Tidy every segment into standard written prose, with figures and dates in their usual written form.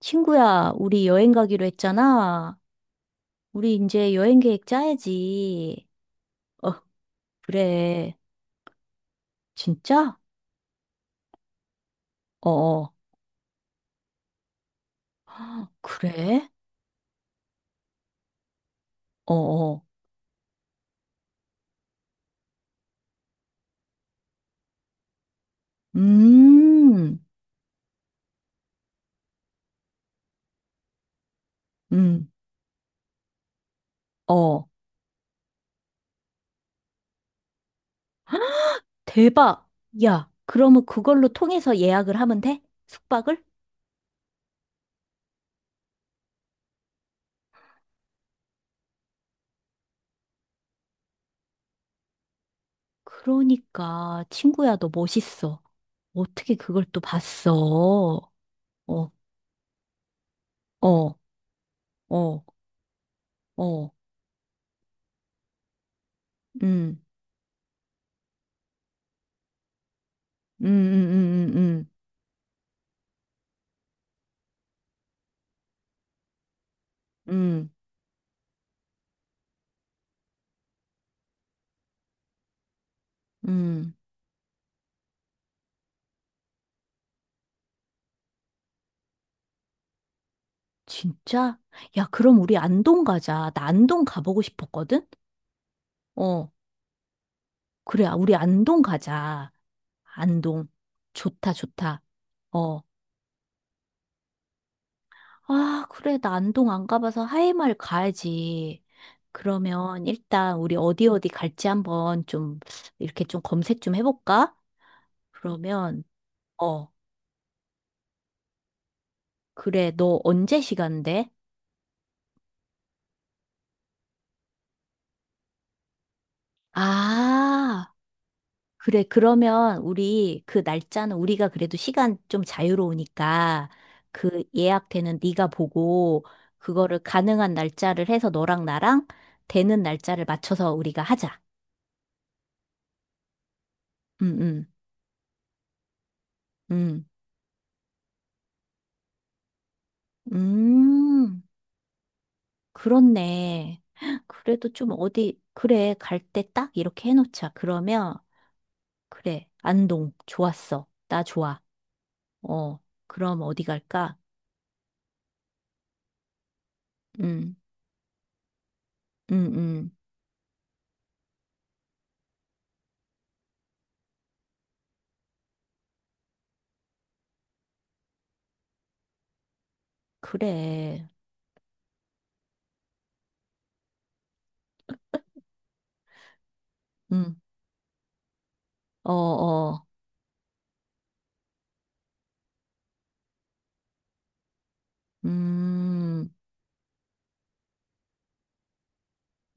친구야, 우리 여행 가기로 했잖아. 우리 이제 여행 계획 짜야지. 어, 그래. 진짜? 어, 어. 헉, 그래? 어, 어. 음, 음, 어. 대박. 야, 그러면 그걸로 통해서 예약을 하면 돼? 숙박을? 그러니까, 친구야, 너 멋있어. 어떻게 그걸 또 봤어? 어, 어, 어, 어. 음, 음, 음, 음, 음, 음, 음. 진짜? 야, 그럼 우리 안동 가자. 나 안동 가보고 싶었거든? 어, 그래. 아, 우리 안동 가자. 안동. 좋다, 좋다. 어. 아, 그래. 나 안동 안 가봐서 하이마을 가야지. 그러면 일단 우리 어디 어디 갈지 한번 좀 이렇게 좀 검색 좀 해볼까? 그러면, 어, 그래. 너 언제 시간 돼? 아, 그래, 그러면 우리 그 날짜는 우리가 그래도 시간 좀 자유로우니까 그 예약되는 네가 보고 그거를 가능한 날짜를 해서 너랑 나랑 되는 날짜를 맞춰서 우리가 하자. 음, 음, 음. 음, 그렇네. 그래도 좀 어디, 그래, 갈 때 딱 이렇게 해놓자. 그러면, 그래, 안동, 좋았어. 나 좋아. 어, 그럼 어디 갈까? 음, 음, 음. 그래. 음. 어, 어, 음,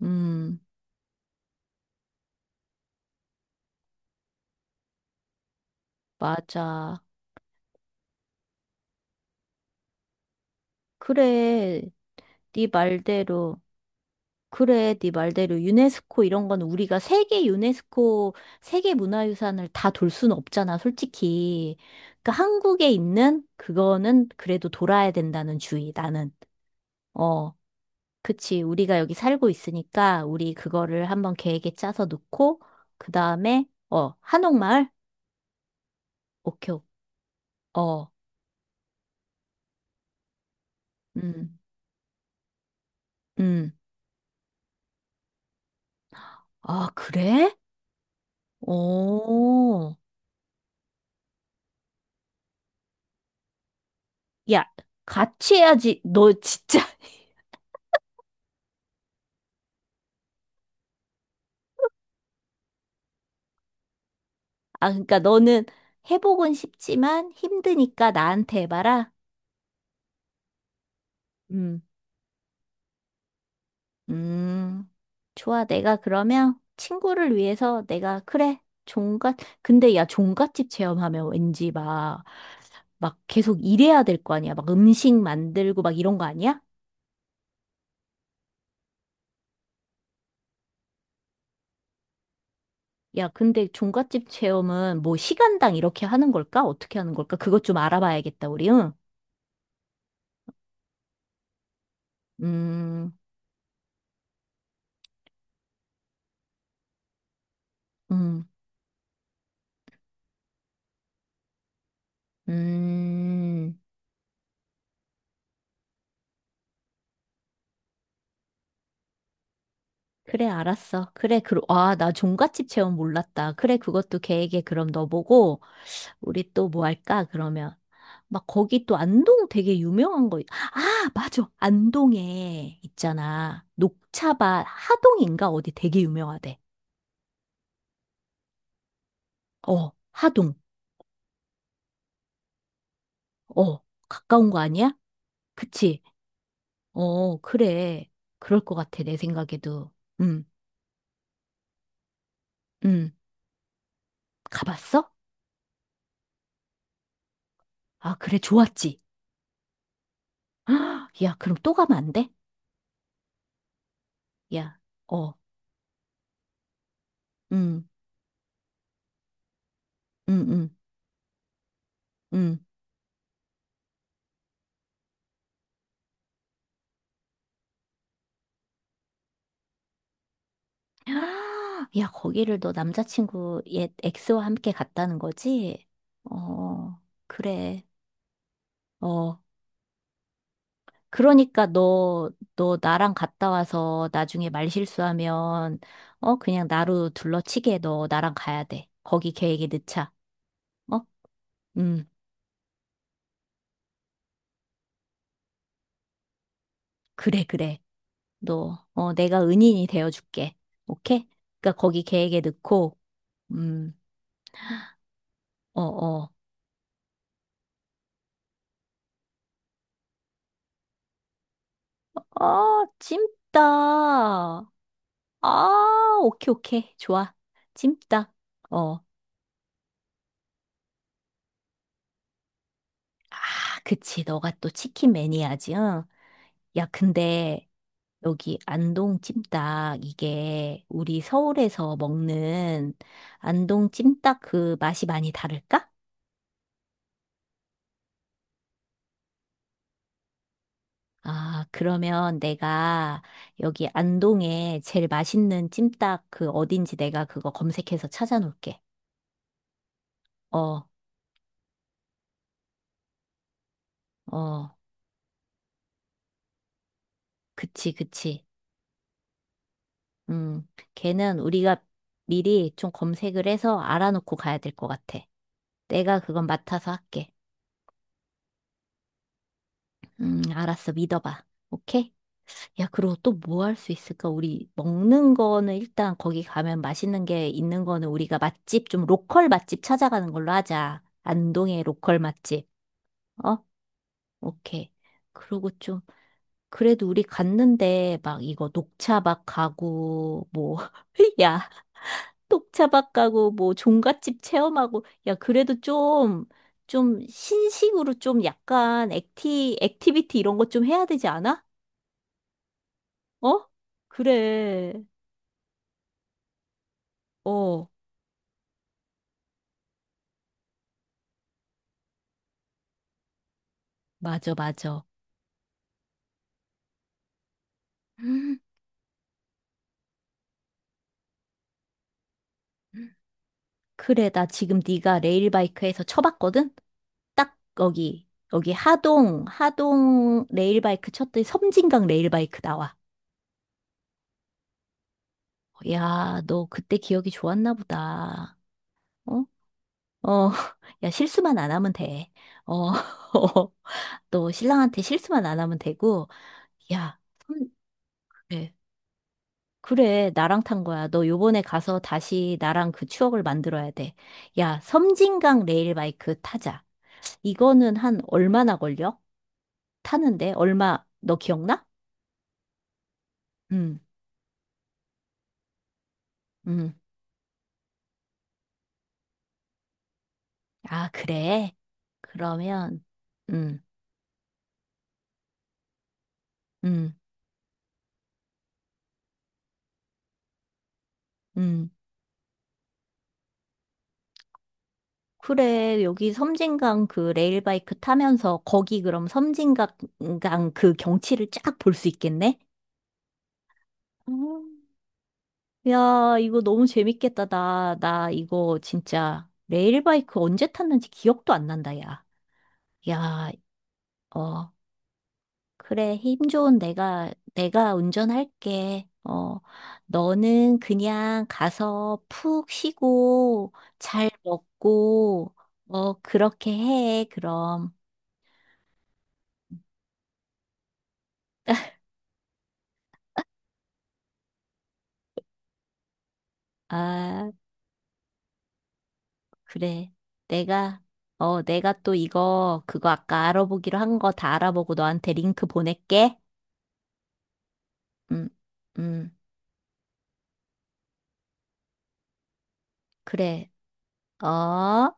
음, 맞아. 그래, 네 말대로. 그래, 네 말대로. 유네스코 이런 건 우리가 세계 유네스코, 세계 문화유산을 다 돌 수는 없잖아, 솔직히. 그러니까 한국에 있는 그거는 그래도 돌아야 된다는 주의, 나는. 어, 그치. 우리가 여기 살고 있으니까 우리 그거를 한번 계획에 짜서 놓고, 그 다음에, 어, 한옥마을? 오케이. 어, 음, 음. 아, 그래? 오, 야, 같이 해야지. 너 진짜. 아, 그러니까 너는 회복은 쉽지만 힘드니까 나한테 해봐라. 음, 음, 좋아. 내가 그러면 친구를 위해서 내가, 그래, 근데 야, 종갓집 체험하면 왠지 막, 막 계속 일해야 될 거 아니야. 막 음식 만들고 막 이런 거 아니야? 야, 근데 종갓집 체험은 뭐 시간당 이렇게 하는 걸까? 어떻게 하는 걸까? 그것 좀 알아봐야겠다, 우리. 응? 음, 음. 음, 그래, 알았어. 그래, 그, 아, 나 종갓집 체험 몰랐다. 그래, 그것도 계획에 그럼 넣어보고, 우리 또 뭐 할까, 그러면. 막 거기 또 안동 되게 유명한 거, 아, 맞아. 안동에 있잖아. 녹차밭 하동인가? 어디 되게 유명하대. 어, 하동. 어, 가까운 거 아니야? 그치? 어, 그래. 그럴 것 같아, 내 생각에도. 음, 음. 가봤어? 아, 그래, 좋았지. 헉, 야, 그럼 또 가면 안 돼? 야, 어, 음, 음, 음, 음. 야, 거기를 너 남자친구 옛 엑스와 함께 갔다는 거지? 어, 그래. 어, 그러니까 너 나랑 갔다 와서 나중에 말실수하면, 어, 그냥 나로 둘러치게 너 나랑 가야 돼. 거기 계획에 넣자. 어? 음, 그래, 그래. 너, 어, 내가 은인이 되어줄게. 오케이? 그러니까 거기 계획에 넣고, 음, 어, 어. 아, 찜닭. 아, 오케이, 오케이. 좋아. 찜닭. 어. 아, 그치. 너가 또 치킨 매니아지, 응? 야, 근데 여기 안동 찜닭, 이게 우리 서울에서 먹는 안동 찜닭 그 맛이 많이 다를까? 아, 그러면 내가 여기 안동에 제일 맛있는 찜닭 그 어딘지 내가 그거 검색해서 찾아놓을게. 어, 어. 그치, 그치. 음, 걔는 우리가 미리 좀 검색을 해서 알아놓고 가야 될 것 같아. 내가 그건 맡아서 할게. 알았어. 믿어봐. 오케이? 야, 그리고 또 뭐 할 수 있을까? 우리 먹는 거는 일단 거기 가면 맛있는 게 있는 거는 우리가 맛집, 좀 로컬 맛집 찾아가는 걸로 하자. 안동의 로컬 맛집. 어? 오케이. 그리고 좀, 그래도 우리 갔는데 막 이거 녹차 막 가고, 뭐, 야. 뚝차박 가고 뭐 종갓집 체험하고 야 그래도 좀 좀 신식으로 좀 약간 액티비티 이런 거 좀 해야 되지 않아? 어? 그래. 어, 맞아 맞아. 음. 그래 나 지금 네가 레일바이크에서 쳐봤거든. 딱 거기 여기 하동 레일바이크 쳤더니 섬진강 레일바이크 나와. 야, 너 그때 기억이 좋았나 보다. 어? 어, 야, 실수만 안 하면 돼. 어, 또 신랑한테 실수만 안 하면 되고, 야, 선- 그래, 그래, 나랑 탄 거야. 너 요번에 가서 다시 나랑 그 추억을 만들어야 돼. 야, 섬진강 레일바이크 타자. 이거는 한 얼마나 걸려? 타는데? 얼마, 너 기억나? 응, 응. 아, 그래. 그러면, 응, 응, 응. 그래, 여기 섬진강 그 레일바이크 타면서 거기 그럼 섬진강 그 경치를 쫙 볼 수 있겠네? 음. 야, 이거 너무 재밌겠다. 나 이거 진짜 레일바이크 언제 탔는지 기억도 안 난다, 야. 야, 어, 그래. 힘 좋은 내가 운전할게. 어, 너는 그냥 가서 푹 쉬고 잘 먹고, 어, 그렇게 해, 그럼. 아. 그래. 내가, 어, 내가 또 이거, 그거 아까 알아보기로 한 거 다 알아보고 너한테 링크 보낼게. 음, 음, 그래. 어?